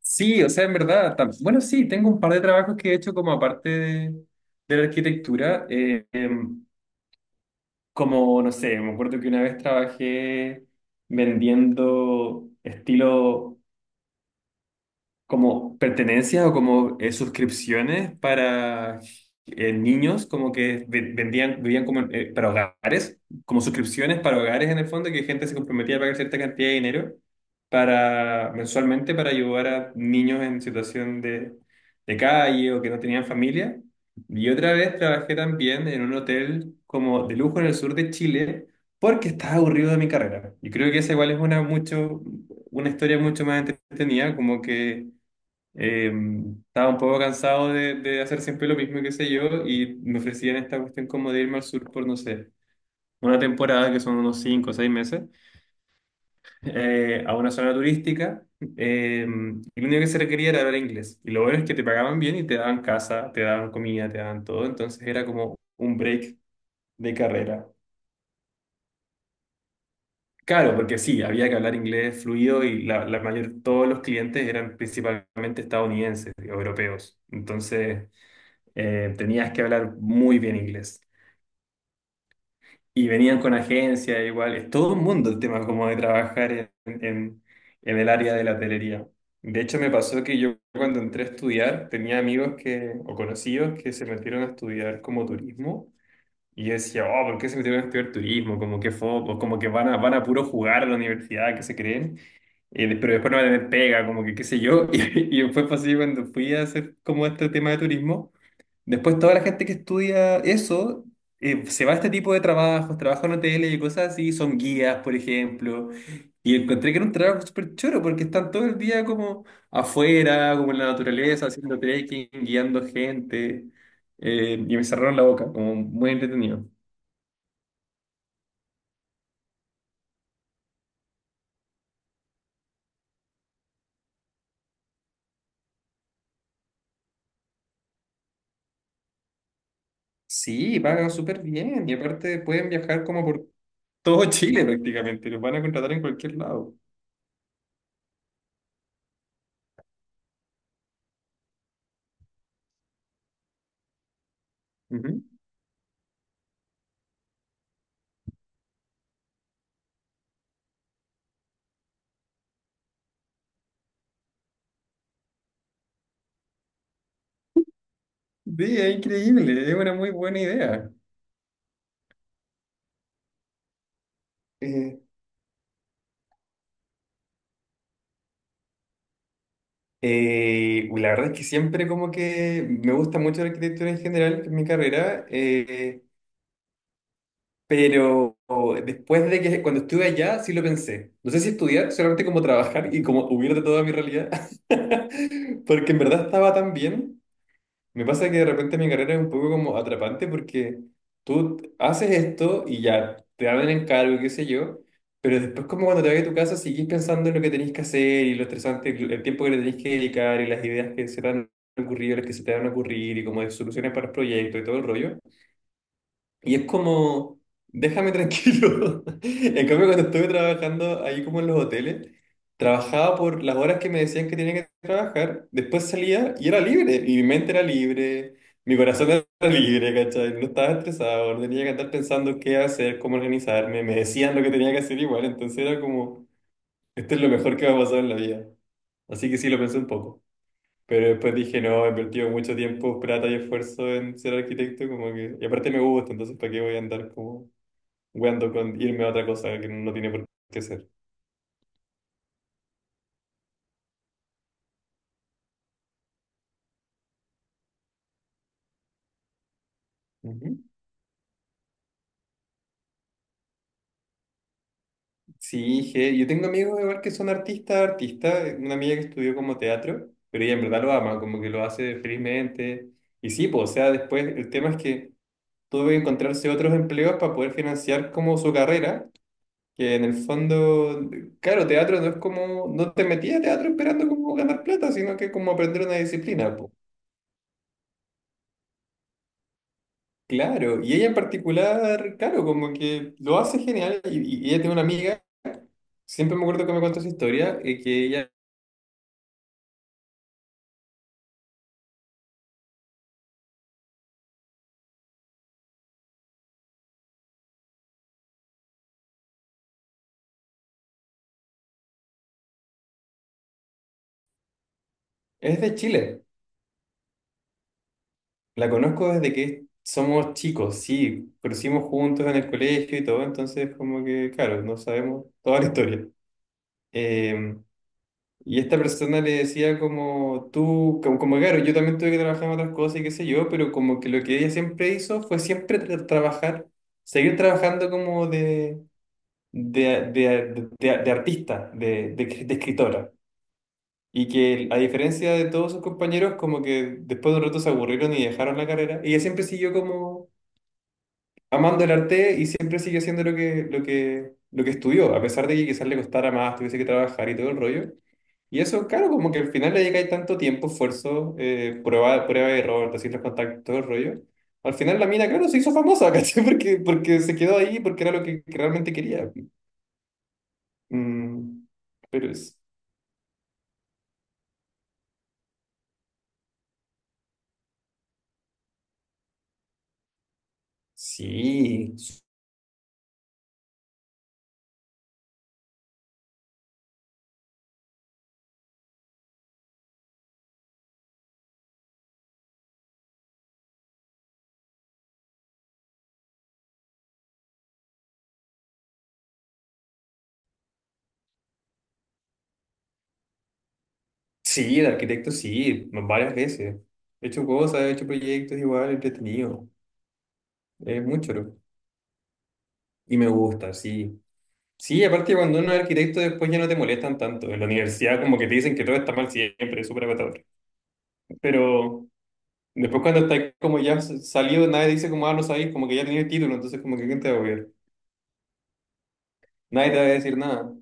Sí, o sea, en verdad, bueno, sí, tengo un par de trabajos que he hecho como aparte de la arquitectura, como, no sé, me acuerdo que una vez trabajé vendiendo estilo como pertenencias o como suscripciones para niños, como que vendían, vivían como para hogares, como suscripciones para hogares en el fondo, que gente se comprometía a pagar cierta cantidad de dinero para, mensualmente para ayudar a niños en situación de calle o que no tenían familia. Y otra vez trabajé también en un hotel como de lujo en el sur de Chile porque estaba aburrido de mi carrera. Y creo que esa igual es una mucho una historia mucho más entretenida, como que eh, estaba un poco cansado de hacer siempre lo mismo, y qué sé yo, y me ofrecían esta cuestión como de irme al sur por, no sé, una temporada, que son unos 5 o 6 meses, a una zona turística, eh, y lo único que se requería era hablar inglés. Y lo bueno es que te pagaban bien y te daban casa, te daban comida, te daban todo, entonces era como un break de carrera. Claro, porque sí, había que hablar inglés fluido y la mayor, todos los clientes eran principalmente estadounidenses, europeos. Entonces tenías que hablar muy bien inglés. Y venían con agencia, igual, es todo un mundo el tema como de trabajar en el área de la hotelería. De hecho, me pasó que yo cuando entré a estudiar tenía amigos que, o conocidos que se metieron a estudiar como turismo. Y yo decía, oh, ¿por qué se metieron a estudiar turismo? Como que foco, como que van a puro jugar a la universidad, que se creen. Pero después no van a tener pega, como que qué sé yo. Y después fue así cuando fui a hacer como este tema de turismo. Después toda la gente que estudia eso se va a este tipo de trabajos, trabaja en hoteles y cosas así, son guías, por ejemplo. Y encontré que era un trabajo súper choro porque están todo el día como afuera, como en la naturaleza, haciendo trekking, guiando gente. Y me cerraron la boca, como muy entretenido. Sí, pagan súper bien y aparte pueden viajar como por todo Chile prácticamente, los van a contratar en cualquier lado. Ujú. Sí, es increíble, es una muy buena idea. Eh, Uy, la verdad es que siempre como que me gusta mucho la arquitectura en general, que es mi carrera, pero después de que cuando estuve allá sí lo pensé. No sé si estudiar, solamente como trabajar y como huir de toda mi realidad, porque en verdad estaba tan bien. Me pasa que de repente mi carrera es un poco como atrapante porque tú haces esto y ya te dan el encargo, y qué sé yo, pero después como cuando te vas a tu casa seguís pensando en lo que tenés que hacer y lo estresante, que- el tiempo que le tenés que dedicar y las ideas que se te han ocurrido, las que se te van a ocurrir y como de soluciones para el proyecto y todo el rollo. Y es como, déjame tranquilo. En cambio, cuando estuve trabajando ahí como en los hoteles, trabajaba por las horas que me decían que tenía que trabajar, después salía y era libre, y mi mente era libre, mi corazón era libre, ¿cachai? No estaba estresado, no tenía que estar pensando qué hacer, cómo organizarme, me decían lo que tenía que hacer igual, entonces era como, esto es lo mejor que me ha pasado en la vida. Así que sí, lo pensé un poco. Pero después dije, no, he invertido mucho tiempo, plata y esfuerzo en ser arquitecto, como que... Y aparte me gusta, entonces ¿para qué voy a andar como weando con irme a otra cosa que no tiene por qué ser? Ujú. Sí, dije, yo tengo amigos igual que son artistas, artistas, una amiga que estudió como teatro, pero ella en verdad lo ama, como que lo hace felizmente. Y sí, pues, o sea, después el tema es que tuve que encontrarse otros empleos para poder financiar como su carrera. Que en el fondo, claro, teatro no es como, no te metías a teatro esperando como ganar plata, sino que como aprender una disciplina, po. Claro, y ella en particular, claro, como que lo hace genial, y ella tiene una amiga, siempre me acuerdo que me contó su historia, que ella es de Chile, la conozco desde que somos chicos, sí, crecimos juntos en el colegio y todo, entonces como que, claro, no sabemos toda la historia. Eh, Y esta persona le decía como tú, claro, yo también tuve que trabajar en otras cosas y qué sé yo, pero como que lo que ella siempre hizo fue siempre trabajar, seguir trabajando como de artista, de escritora. Y que a diferencia de todos sus compañeros, como que después de un rato se aburrieron y dejaron la carrera. Ella siempre siguió como amando el arte y siempre sigue haciendo lo que estudió, a pesar de que quizás le costara más, tuviese que trabajar y todo el rollo. Y eso, claro, como que al final le llega ahí tanto tiempo, esfuerzo, prueba y error, te los contactos, todo el rollo. Al final la mina, claro, se hizo famosa, ¿cachai? Porque se quedó ahí, porque era que realmente quería. Mm, pero es- sí, sí, el arquitecto sí, varias veces. He hecho cosas, he hecho proyectos igual, entretenido. Es mucho. ¿No? Y me gusta, sí. Sí, aparte cuando uno es arquitecto después ya no te molestan tanto. En la universidad como que te dicen que todo está mal siempre, es súper agotador. Pero después cuando estás como ya salido, nadie dice como, ah, no sabéis, como que ya tenías el título, entonces como que ¿quién te va a apoyar? Nadie te va a decir nada.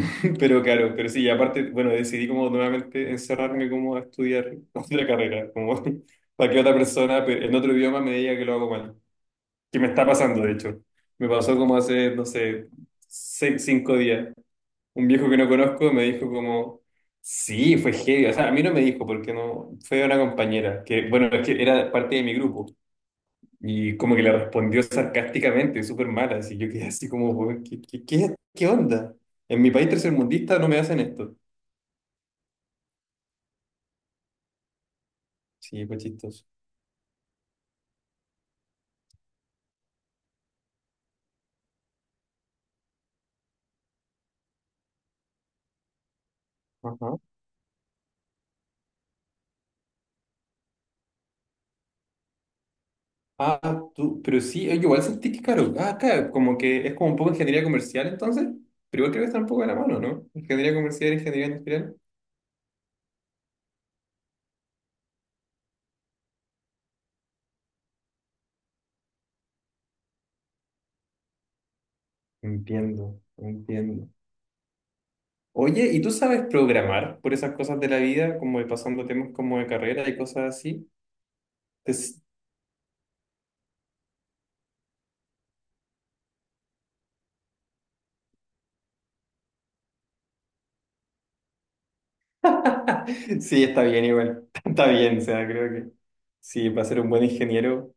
Pero claro, pero sí, aparte, bueno, decidí como nuevamente encerrarme como a estudiar otra carrera, como para que otra persona en otro idioma me diga que lo hago mal. Que me está pasando, de hecho. Me pasó como hace, no sé, 6, 5 días. Un viejo que no conozco me dijo como, sí, fue heavy. O sea, a mí no me dijo porque no, fue una compañera, que bueno, es que era parte de mi grupo y como que le respondió sarcásticamente, súper mala, así yo quedé así como, "Weón, ¿qué onda? En mi país tercermundista no me hacen esto. Sí, fue chistoso. Ajá. Ah, tú, pero sí, yo igual sentí que caro ah, acá como que es como un poco ingeniería comercial entonces, pero igual creo que está un poco de la mano, ¿no? Ingeniería comercial, ingeniería industrial. Entiendo, entiendo. Oye, ¿y tú sabes programar por esas cosas de la vida, como de pasando temas como de carrera y cosas así? Es- Sí, está bien igual, está bien, o sea, creo que sí, para ser un buen ingeniero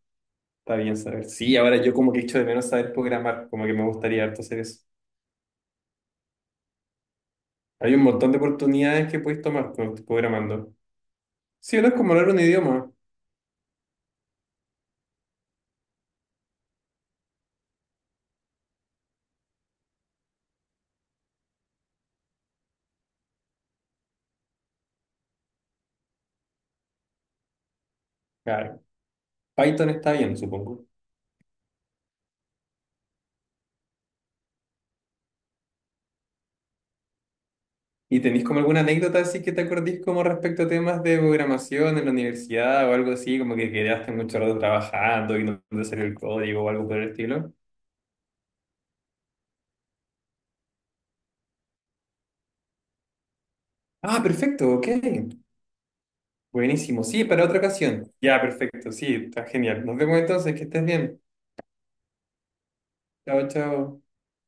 está bien saber. Sí, ahora yo como que echo de menos saber programar, como que me gustaría harto hacer eso. Hay un montón de oportunidades que puedes tomar cuando estás programando. Sí, no es como hablar un idioma. Claro, Python está bien, supongo. ¿Y tenéis como alguna anécdota así que te acordís como respecto a temas de programación en la universidad o algo así, como que quedaste mucho rato trabajando y no te salió el código o algo por el estilo? Ah, perfecto, ok. Buenísimo. Sí, para otra ocasión. Ya, perfecto. Sí, está genial. Nos vemos entonces, que estés bien. Chao, chao.